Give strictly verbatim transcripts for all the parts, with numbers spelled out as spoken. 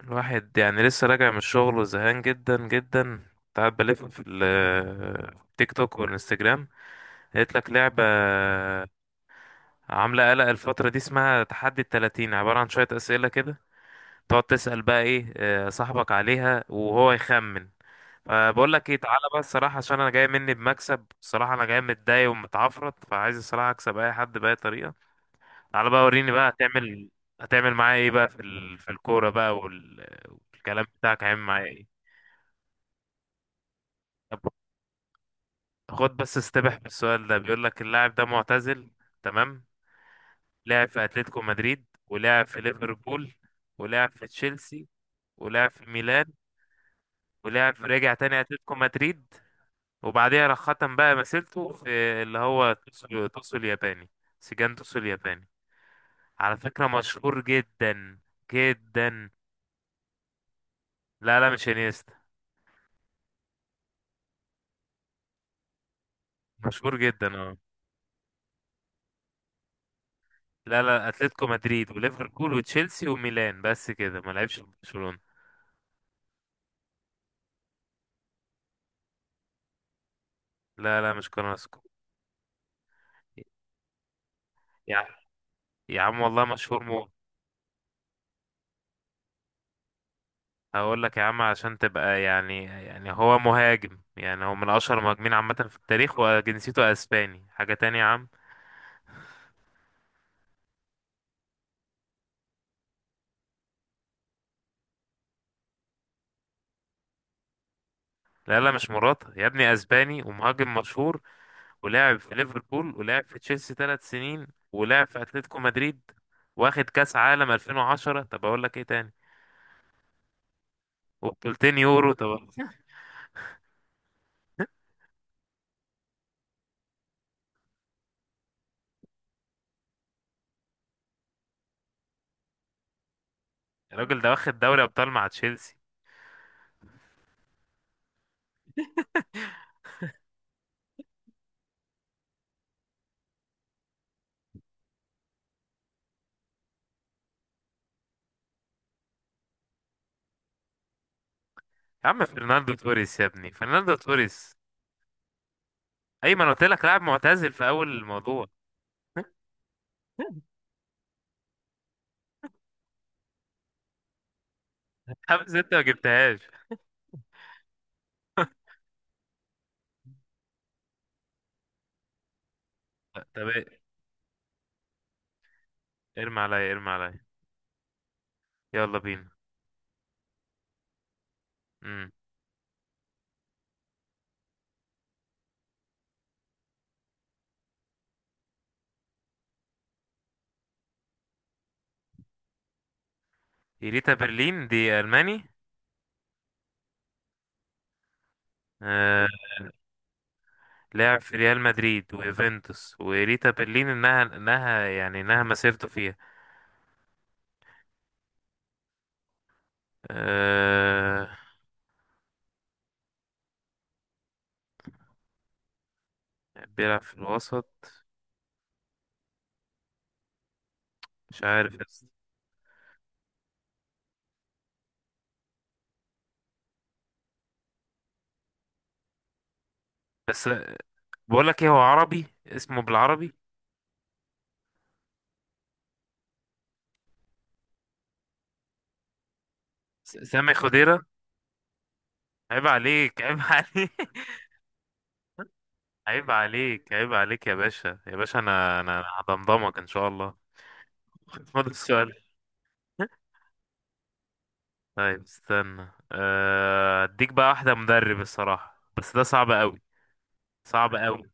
الواحد يعني لسه راجع من الشغل وزهقان جدا جدا. كنت قاعد بلف في ال- في التيك توك والانستجرام. لقيت لك لعبة عاملة قلق الفترة دي اسمها تحدي التلاتين، عبارة عن شوية أسئلة كده تقعد تسأل بقى ايه آه، صاحبك عليها وهو يخمن. فبقول لك ايه، تعالى بقى الصراحة عشان انا جاي مني بمكسب الصراحة، انا جاي متضايق ومتعفرت فعايز الصراحة اكسب اي حد بأي طريقة. تعالى بقى وريني بقى هتعمل، هتعمل معايا ايه بقى في ال... في الكورة بقى وال... والكلام بتاعك هيعمل معايا ايه. خد بس استبح بالسؤال ده، بيقول لك اللاعب ده معتزل تمام. لعب في اتلتيكو مدريد، ولعب في ليفربول، ولعب في تشيلسي، ولعب في ميلان، ولعب في، رجع تاني اتلتيكو مدريد. وبعديها راح ختم بقى مسيرته في اللي هو توسو، توسو الياباني، سجان توسو الياباني. على فكرة مشهور جدا جدا. لا لا مش انيستا. مشهور جدا اه. لا لا، اتلتيكو مدريد وليفربول وتشيلسي وميلان بس كده، ما لعبش في برشلونة. لا لا مش كراسكو. يا عم والله مشهور موت. هقول لك يا عم عشان تبقى يعني يعني هو مهاجم، يعني هو من اشهر المهاجمين عامه في التاريخ، وجنسيته اسباني. حاجه تانية يا عم. لا لا مش مراته يا ابني، اسباني ومهاجم مشهور. ولعب في ليفربول، ولعب في تشيلسي ثلاث سنين، ولعب في اتلتيكو مدريد، واخد كاس عالم ألفين وعشرة. طب اقول لك ايه تاني، وبطولتين يورو. طب الراجل ده واخد دوري ابطال مع تشيلسي. يا عم فرناندو توريس يا ابني، فرناندو توريس. ايمن قلت لك لاعب معتزل في اول الموضوع. خمسة ستة ما جبتهاش. لا، طب إيه؟ ارمي عليا، ارمي عليا. يلا بينا. امم. إيريتا برلين دي ألماني. آه... لعب في ريال مدريد ويوفنتوس وإيريتا برلين، إنها إنها يعني إنها مسيرته فيها. آه... بيلعب في الوسط. مش عارف بس. بس بقول لك إيه، هو عربي اسمه بالعربي. س- سامي خضيرة. عيب عليك، عيب عليك. عيب عليك عيب عليك يا باشا يا باشا، أنا أنا أنا هضمضمك إن شاء الله. خد السؤال. طيب استنى، آه، اديك بقى واحدة مدرب، الصراحة بس ده صعب قوي، صعب قوي.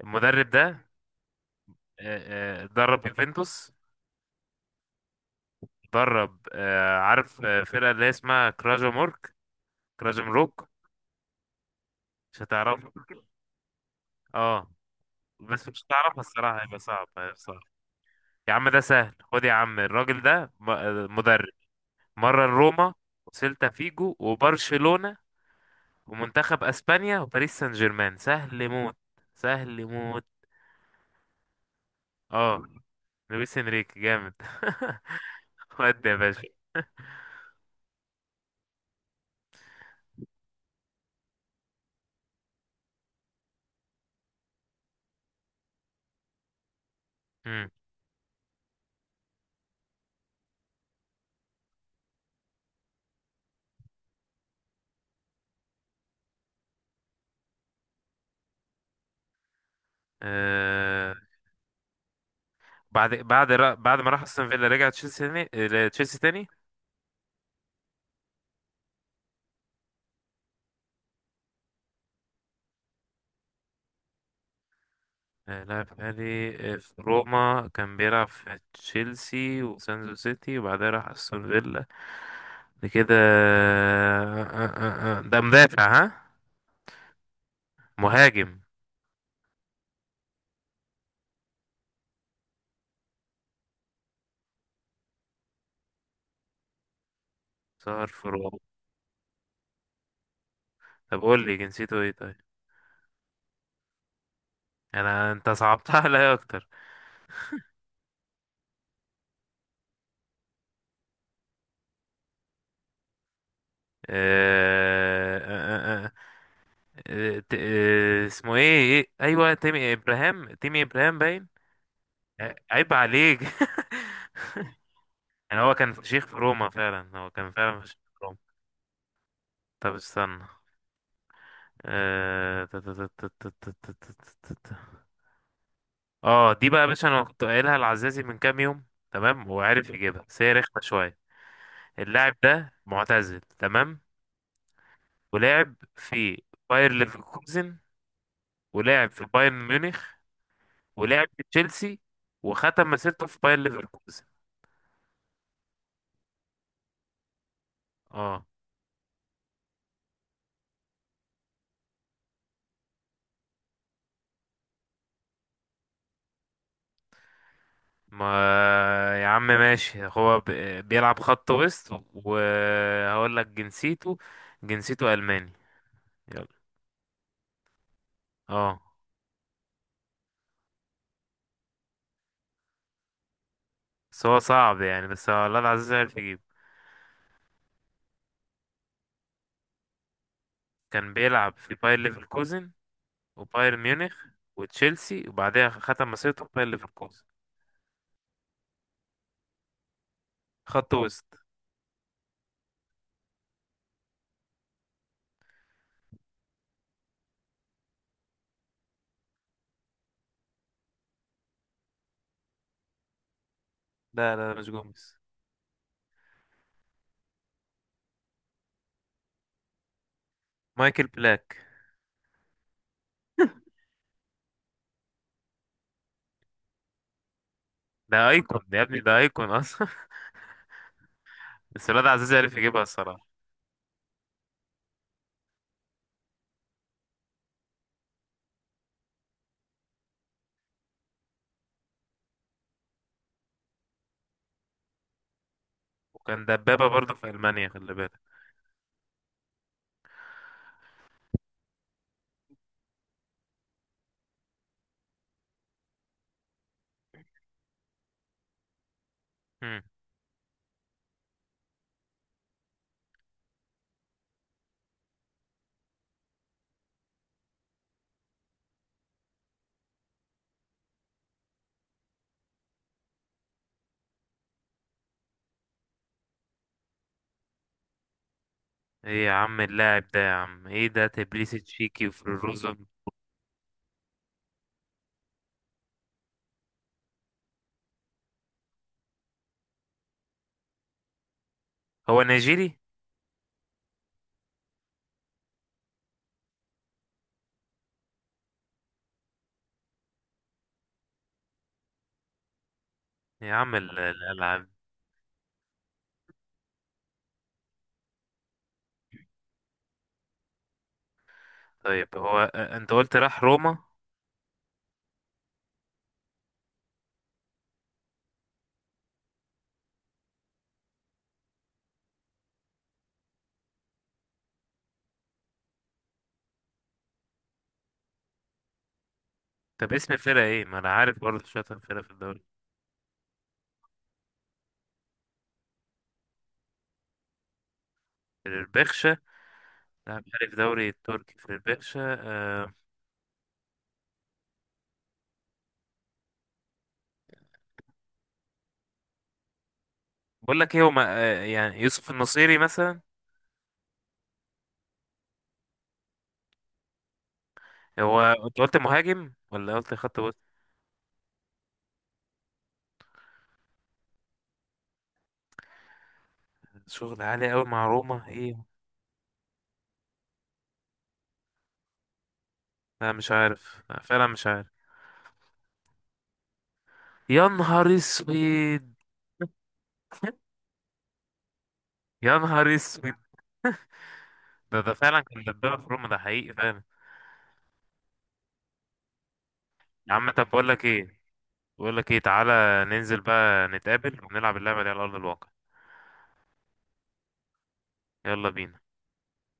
المدرب ده، آه، آه، درب يوفنتوس، درب آه، عارف آه، فرقة اللي هي اسمها كراجو مورك، كراجو مروك. مش هتعرفها. اه بس مش هتعرفها الصراحة، هيبقى صعب هيبقى صعب. يا عم ده سهل، خد يا عم الراجل ده م- آه، مدرب مرة روما، وسيلتا فيجو، وبرشلونة، ومنتخب اسبانيا، وباريس سان جيرمان. سهل موت، سهل موت. اه لويس انريكي جامد. ودي يا باشا. مم. آه. بعد بعد را بعد ما راح استون فيلا رجع تشيلسي تاني، آه، تشيلسي تاني. آه، لعب حالي آه، في روما، كان بيلعب في تشيلسي وسانزو سيتي وبعدها راح استون فيلا. بعد كده آه، آه، آه، آه. ده مدافع ها؟ مهاجم. صار في روما. طب قول لي جنسيته ايه طيب. انا انت صعبتها عليا اكتر. آه، آه، آه، آه، آه، ت- آه، اسمه ايه إيه؟ ايوه تيمي ابراهام، تيمي ابراهام باين. آه، عيب عليك. يعني هو كان شيخ في روما فعلا، هو كان فعلا شيخ في روما. طب استنى، آه، تا- تا- تا- تا- تا- تا- تا- تا- تا- تا. اه دي بقى يا باشا، انا كنت قايلها لعزازي من كام يوم، تمام وعارف يجيبها بس هي رخمه شويه. اللاعب ده معتزل تمام. ولعب في باير ليفركوزن، ولعب في بايرن ميونخ، ولعب في تشيلسي، وختم مسيرته في باير ليفركوزن. اه. ما يا عم ماشي، هو ب- بيلعب خط وسط، وهقول لك جنسيته. جنسيته ألماني. يلا. اه. بس هو صعب يعني، بس هو الله العزيز عارف يجيب. كان بيلعب في باير ليفركوزن وباير ميونخ وتشيلسي، وبعدها ختم مسيرته في باير ليفركوزن. خط وسط. لا لا لا، مش جوميز. مايكل بلاك. ده ايكون ده يا ابني، ده ايكون اصلا. بس الواد عزيز عارف يجيبها الصراحة. وكان دبابة برضه في ألمانيا خلي بالك. ايه يا عم اللاعب ده يا عم، ايه ده تبليس تشيكي وفيروزة؟ هو نيجيري؟ يا عم ال- الالعاب. طيب هو أ- انت قلت راح روما. طب اسم فرقة ايه، ما انا عارف برضه شاطر فرقة في الدوري. فيربخشة. لاعب حالي في دوري التركي فيربخشة أه. بقول لك ايه، هو ما- أه يعني يوسف النصيري مثلا. هو انت قلت مهاجم ولا قلت خط وسط؟ شغل عالي قوي مع روما ايه. لا مش عارف، لا، فعلا مش عارف. يا نهار اسود. يا نهار اسود. ده ده فعلا كان دبابة في روما، ده حقيقي فعلا. يا عم طب بقول لك ايه، بقول لك ايه، تعالى ننزل بقى نتقابل ونلعب اللعبة دي على أرض الواقع. يلا بينا.